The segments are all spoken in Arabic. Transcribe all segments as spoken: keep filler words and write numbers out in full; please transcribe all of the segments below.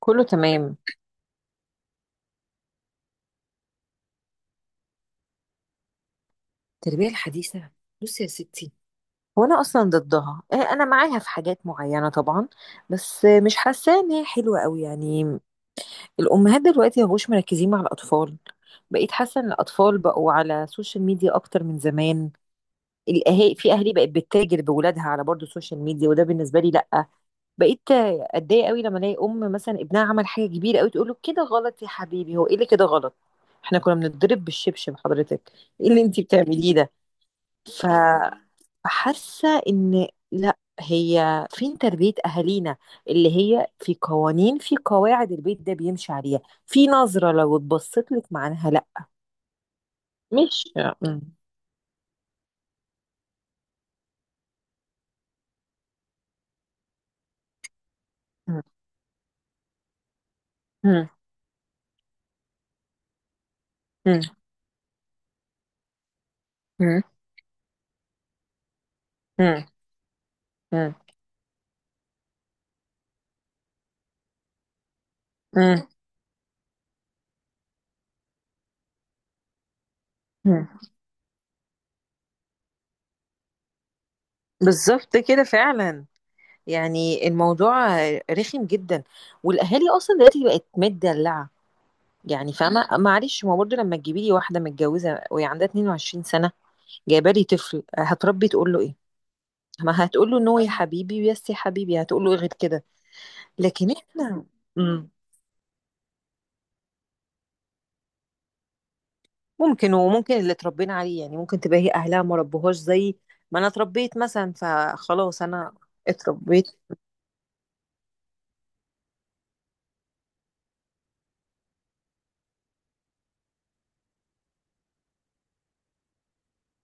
كله تمام. التربية الحديثة، بصي يا ستي، وانا اصلا ضدها آه، انا معاها في حاجات معينه طبعا. بس آه، مش حاسه ان هي حلوه قوي يعني. الامهات دلوقتي مبقوش مركزين مع الاطفال. بقيت حاسه ان الاطفال بقوا على السوشيال ميديا اكتر من زمان. الاهالي، في اهالي بقت بتتاجر بولادها على برضه السوشيال ميديا، وده بالنسبه لي لا. بقيت آه، اتضايق قوي لما الاقي ام مثلا ابنها عمل حاجه كبيره قوي تقول له كده غلط يا حبيبي. هو ايه اللي كده غلط؟ احنا كنا بنتضرب بالشبشب، حضرتك ايه اللي انتي بتعمليه ده؟ ف فحاسه ان لا، هي فين تربيه اهالينا؟ اللي هي في قوانين، في قواعد البيت ده بيمشي عليها. في نظره لو اتبصت لك معناها لا. مش م- م- م- م- م- م- م- م- م. بالظبط كده فعلا. يعني الموضوع رخم جدا. والاهالي اصلا دلوقتي بقت متدلعه. يعني فاهمه، معلش، ما برضه لما تجيبي لي واحده متجوزه وهي عندها اتنين وعشرين سنه، جايبه لي طفل هتربي، تقول له ايه؟ ما هتقول له نو يا حبيبي، ويس يا حبيبي، هتقول له إيه غير كده؟ لكن احنا. مم. ممكن، وممكن اللي اتربينا عليه يعني، ممكن تبقى هي اهلها ما ربوهاش زي ما انا اتربيت مثلا، فخلاص انا اتربيت.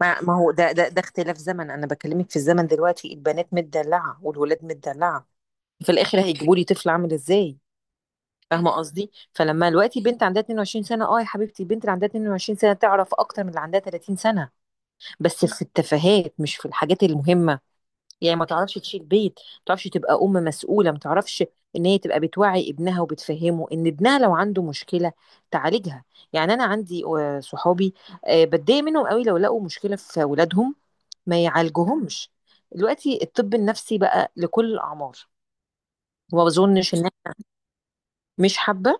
ما, ما هو ده, ده ده اختلاف زمن. انا بكلمك في الزمن دلوقتي، البنات متدلعه والولاد متدلعه. في الاخر هيجيبوا لي طفل عامل ازاي؟ فاهمه قصدي؟ فلما دلوقتي بنت عندها اتنين وعشرين سنه، اه يا حبيبتي، البنت اللي عندها اتنين وعشرين سنه تعرف اكتر من اللي عندها تلاتين سنه. بس في التفاهات، مش في الحاجات المهمه. يعني ما تعرفش تشيل بيت، ما تعرفش تبقى ام مسؤوله، ما تعرفش ان هي تبقى بتوعي ابنها وبتفهمه ان ابنها لو عنده مشكله تعالجها. يعني انا عندي آه، صحابي، آه، بتضايق منهم قوي لو لقوا مشكله في اولادهم ما يعالجوهمش. دلوقتي الطب النفسي بقى لكل الاعمار. وما بظنش ان مش حابه.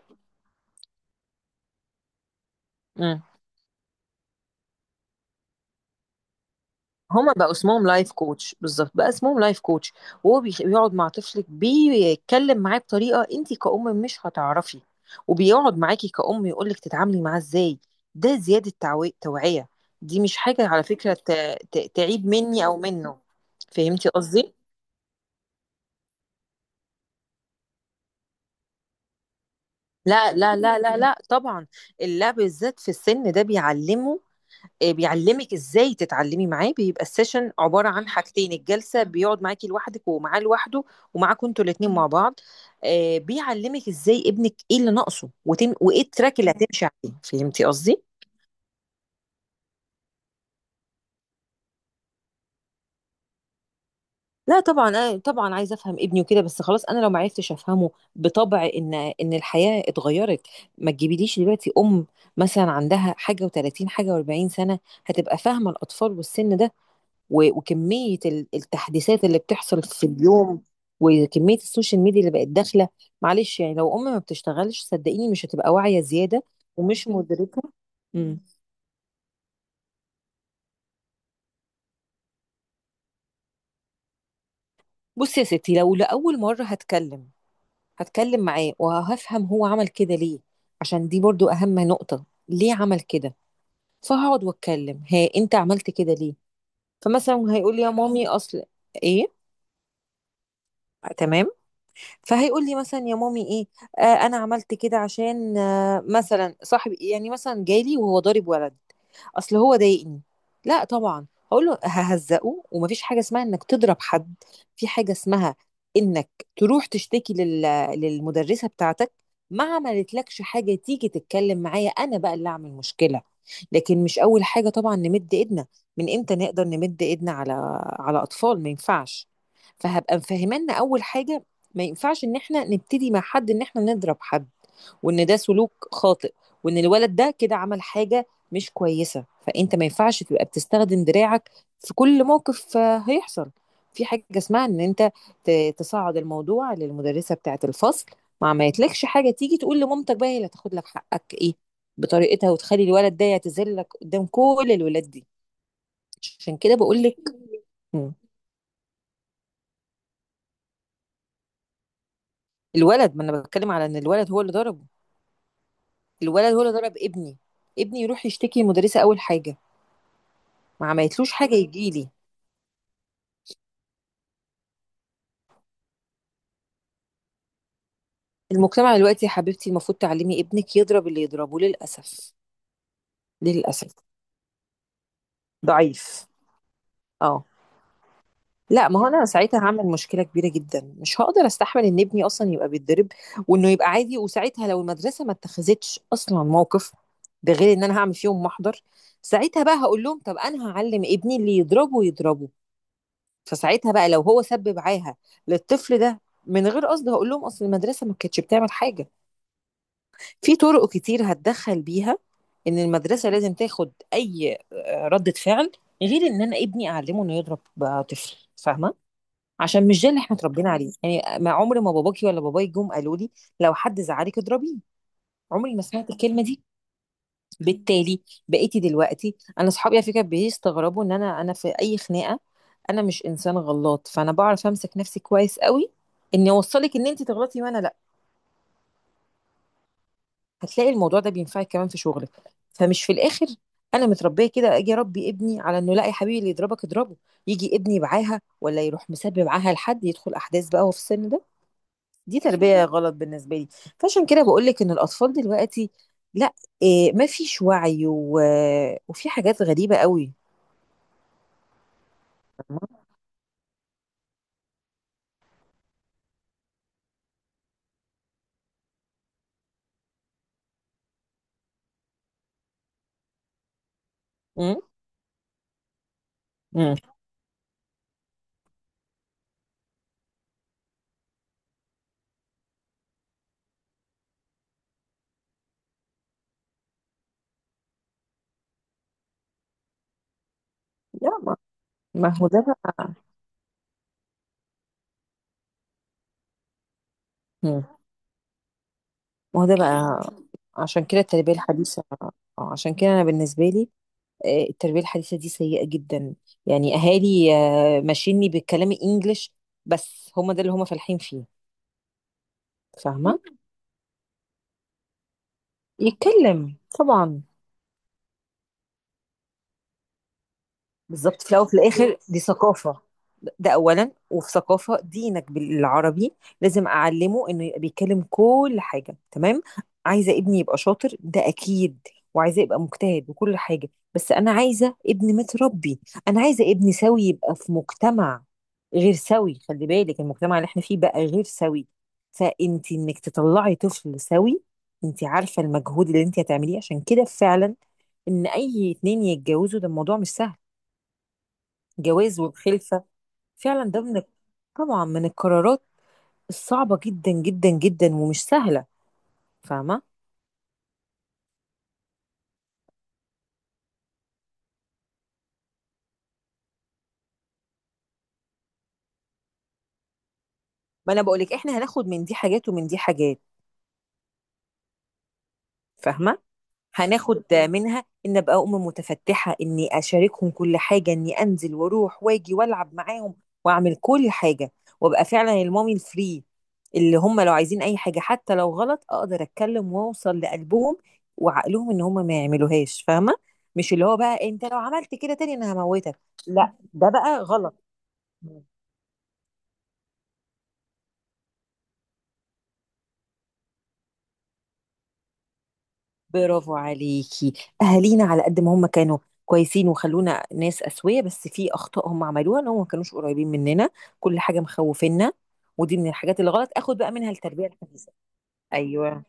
هما بقى اسمهم لايف كوتش، بالظبط بقى اسمهم لايف كوتش. وهو بيخ- بيقعد مع طفلك، بيتكلم معاه بطريقه انت كأم مش هتعرفي. وبيقعد معاكي كأم يقولك تتعاملي معاه ازاي. ده زياده تعوي- توعيه. دي مش حاجه على فكره ت... ت... تعيب مني او منه. فهمتي قصدي؟ لا، لا، لا، لا، لا طبعا. اللعب بالذات في السن ده بيعلمه. آه، بيعلمك ازاي تتعلمي معاه. بيبقى السيشن عباره عن حاجتين: الجلسه بيقعد معاكي لوحدك، ومعاه لوحده، ومعاكم انتوا الاثنين مع بعض. آه، بيعلمك ازاي ابنك ايه اللي ناقصه وتم، وايه التراك اللي هتمشي عليه. فهمتي قصدي؟ لا طبعا، أنا طبعا عايزه افهم ابني وكده، بس خلاص انا لو ما عرفتش افهمه، بطبع ان ان الحياه اتغيرت. ما تجيبيليش دلوقتي ام مثلا عندها حاجه و30 حاجه و40 سنه، هتبقى فاهمه الاطفال والسن ده، و- وكمية ال- التحديثات اللي بتحصل في اليوم، وكمية السوشيال ميديا اللي بقت داخلة. معلش يعني لو أم ما بتشتغلش، صدقيني مش هتبقى واعية زيادة ومش مدركة. امم. بصي يا ستي، لو لأول مرة، هتكلم هتكلم معاه وهفهم هو عمل كده ليه. عشان دي برضو أهم نقطة، ليه عمل كده. فهقعد واتكلم: ها، انت عملت كده ليه؟ فمثلا هيقول لي يا مامي اصل... ايه؟ تمام. فهيقول لي مثلا يا مامي ايه، آه انا عملت كده عشان آه مثلا صاحبي، يعني مثلا جالي وهو ضارب ولد، اصل هو ضايقني. لا طبعا، هقول له ههزقه ومفيش حاجه اسمها انك تضرب حد. في حاجه اسمها انك تروح تشتكي لل... للمدرسه بتاعتك. ما عملتلكش حاجه، تيجي تتكلم معايا، انا بقى اللي اعمل مشكله. لكن مش اول حاجه طبعا نمد ايدنا. من امتى نقدر نمد ايدنا على على اطفال؟ ما ينفعش. فهبقى مفهمانا اول حاجه: ما ينفعش ان احنا نبتدي مع حد، ان احنا نضرب حد، وان ده سلوك خاطئ، وان الولد ده كده عمل حاجة مش كويسة، فانت ما ينفعش تبقى بتستخدم دراعك في كل موقف آه، هيحصل. في حاجة اسمها ان انت ت- تصعد الموضوع للمدرسة بتاعة الفصل، مع ما عملتلكش حاجة، تيجي تقول لمامتك، بقى هي اللي هتاخد لك حقك ايه بطريقتها وتخلي الولد ده يعتذر لك قدام كل الولاد دي. عشان كده بقول لك. الولد، ما انا بتكلم على ان الولد هو اللي ضرب. الولد هو اللي ضرب ابني، ابني يروح يشتكي المدرسة أول حاجة، ما عملتلوش حاجة يجيلي. المجتمع دلوقتي يا حبيبتي، المفروض تعلمي ابنك يضرب اللي يضربه للأسف. للأسف، ضعيف. اه، لا، ما هو انا ساعتها هعمل مشكله كبيره جدا، مش هقدر استحمل ان ابني اصلا يبقى بيتضرب وانه يبقى عادي. وساعتها لو المدرسه ما اتخذتش اصلا موقف، ده غير ان انا هعمل فيهم محضر. ساعتها بقى هقول لهم طب انا هعلم ابني اللي يضربه يضربه. فساعتها بقى لو هو سب معاها للطفل ده من غير قصد، هقول لهم اصل المدرسه ما كانتش بتعمل حاجه. في طرق كتير هتدخل بيها ان المدرسه لازم تاخد اي آه، ردة فعل، غير ان انا ابني اعلمه انه يضرب بقى طفل. فاهمه؟ عشان مش ده اللي احنا اتربينا عليه يعني، ما عمري، ما باباكي ولا باباي جم قالوا لي لو حد زعلك اضربيه. عمري ما سمعت الكلمه دي. بالتالي. بقيتي دلوقتي، انا اصحابي على فكره بيستغربوا ان انا انا في اي خناقه. انا مش انسان غلاط، فانا بعرف امسك نفسي كويس قوي، اني اوصلك ان انت تغلطي وانا لا. هتلاقي الموضوع ده بينفعك كمان في شغلك. فمش في الاخر انا متربيه كده، اجي اربي ابني على انه لا يا حبيبي اللي يضربك اضربه. يجي ابني معاها، ولا يروح مسبب معاها لحد يدخل احداث بقى وهو في السن ده. دي تربيه غلط بالنسبه لي. فعشان كده بقول لك ان الاطفال دلوقتي لا. إيه، ما فيش وعي و... وفي حاجات غريبه قوي. امم. امم. لا، ما ما هو ده بقى. مم. ما هو ده بقى. عشان كده التربية الحديثة، اه. عشان كده أنا بالنسبة لي، آه، التربية الحديثة دي سيئة جدا. يعني أهالي آه، ماشيني بالكلام الإنجليش، بس هما ده اللي هما فالحين فيه. فاهمة، يتكلم طبعا. بالظبط، في الاول وفي الاخر دي ثقافه. ده اولا، وفي ثقافه دينك بالعربي. لازم اعلمه انه يبقى بيتكلم كل حاجه تمام. عايزه ابني يبقى شاطر، ده اكيد، وعايزه يبقى مجتهد وكل حاجه، بس انا عايزه ابني متربي. انا عايزه ابني سوي يبقى في مجتمع غير سوي. خلي بالك، المجتمع اللي احنا فيه بقى غير سوي. فانت، انك تطلعي طفل سوي، انت عارفه المجهود اللي انت هتعمليه. عشان كده فعلا، ان اي اتنين يتجوزوا، ده الموضوع مش سهل. جواز والخلفة، فعلا ده من، طبعا، من القرارات الصعبة جدا جدا جدا ومش سهلة. فاهمة. ما انا بقولك، احنا هناخد من دي حاجات ومن دي حاجات. فاهمة. هناخد منها ان ابقى ام متفتحه، اني اشاركهم كل حاجه، اني انزل واروح واجي والعب معاهم، واعمل كل حاجه، وابقى فعلا المامي الفري، اللي هم لو عايزين اي حاجه حتى لو غلط اقدر اتكلم واوصل لقلبهم وعقلهم ان هم ما يعملوهاش. فاهمه؟ مش اللي هو بقى انت لو عملت كده تاني انا هموتك. لا، ده بقى غلط. برافو عليكي. اهالينا على قد ما هم كانوا كويسين وخلونا ناس اسويه، بس في اخطاء هم عملوها، ان هم ما كانوش قريبين مننا. كل حاجه مخوفينا. ودي من الحاجات اللي غلط، اخد بقى منها التربيه الحديثه. ايوه،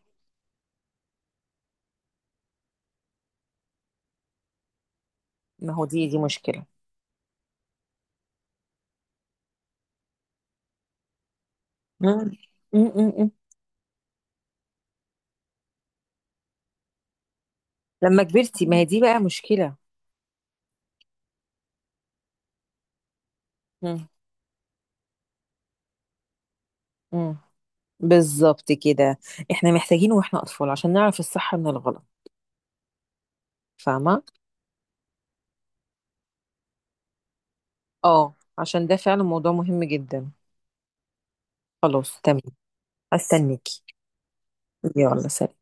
ما هو دي دي مشكله. مم. م -م -م. لما كبرتي، ما هي دي بقى مشكله. م -م. بالظبط كده، احنا محتاجين واحنا اطفال عشان نعرف الصح من الغلط. فاهمه. اه، عشان ده فعلا موضوع مهم جدا. خلاص، تمام. هستنيكي. يلا، سلام.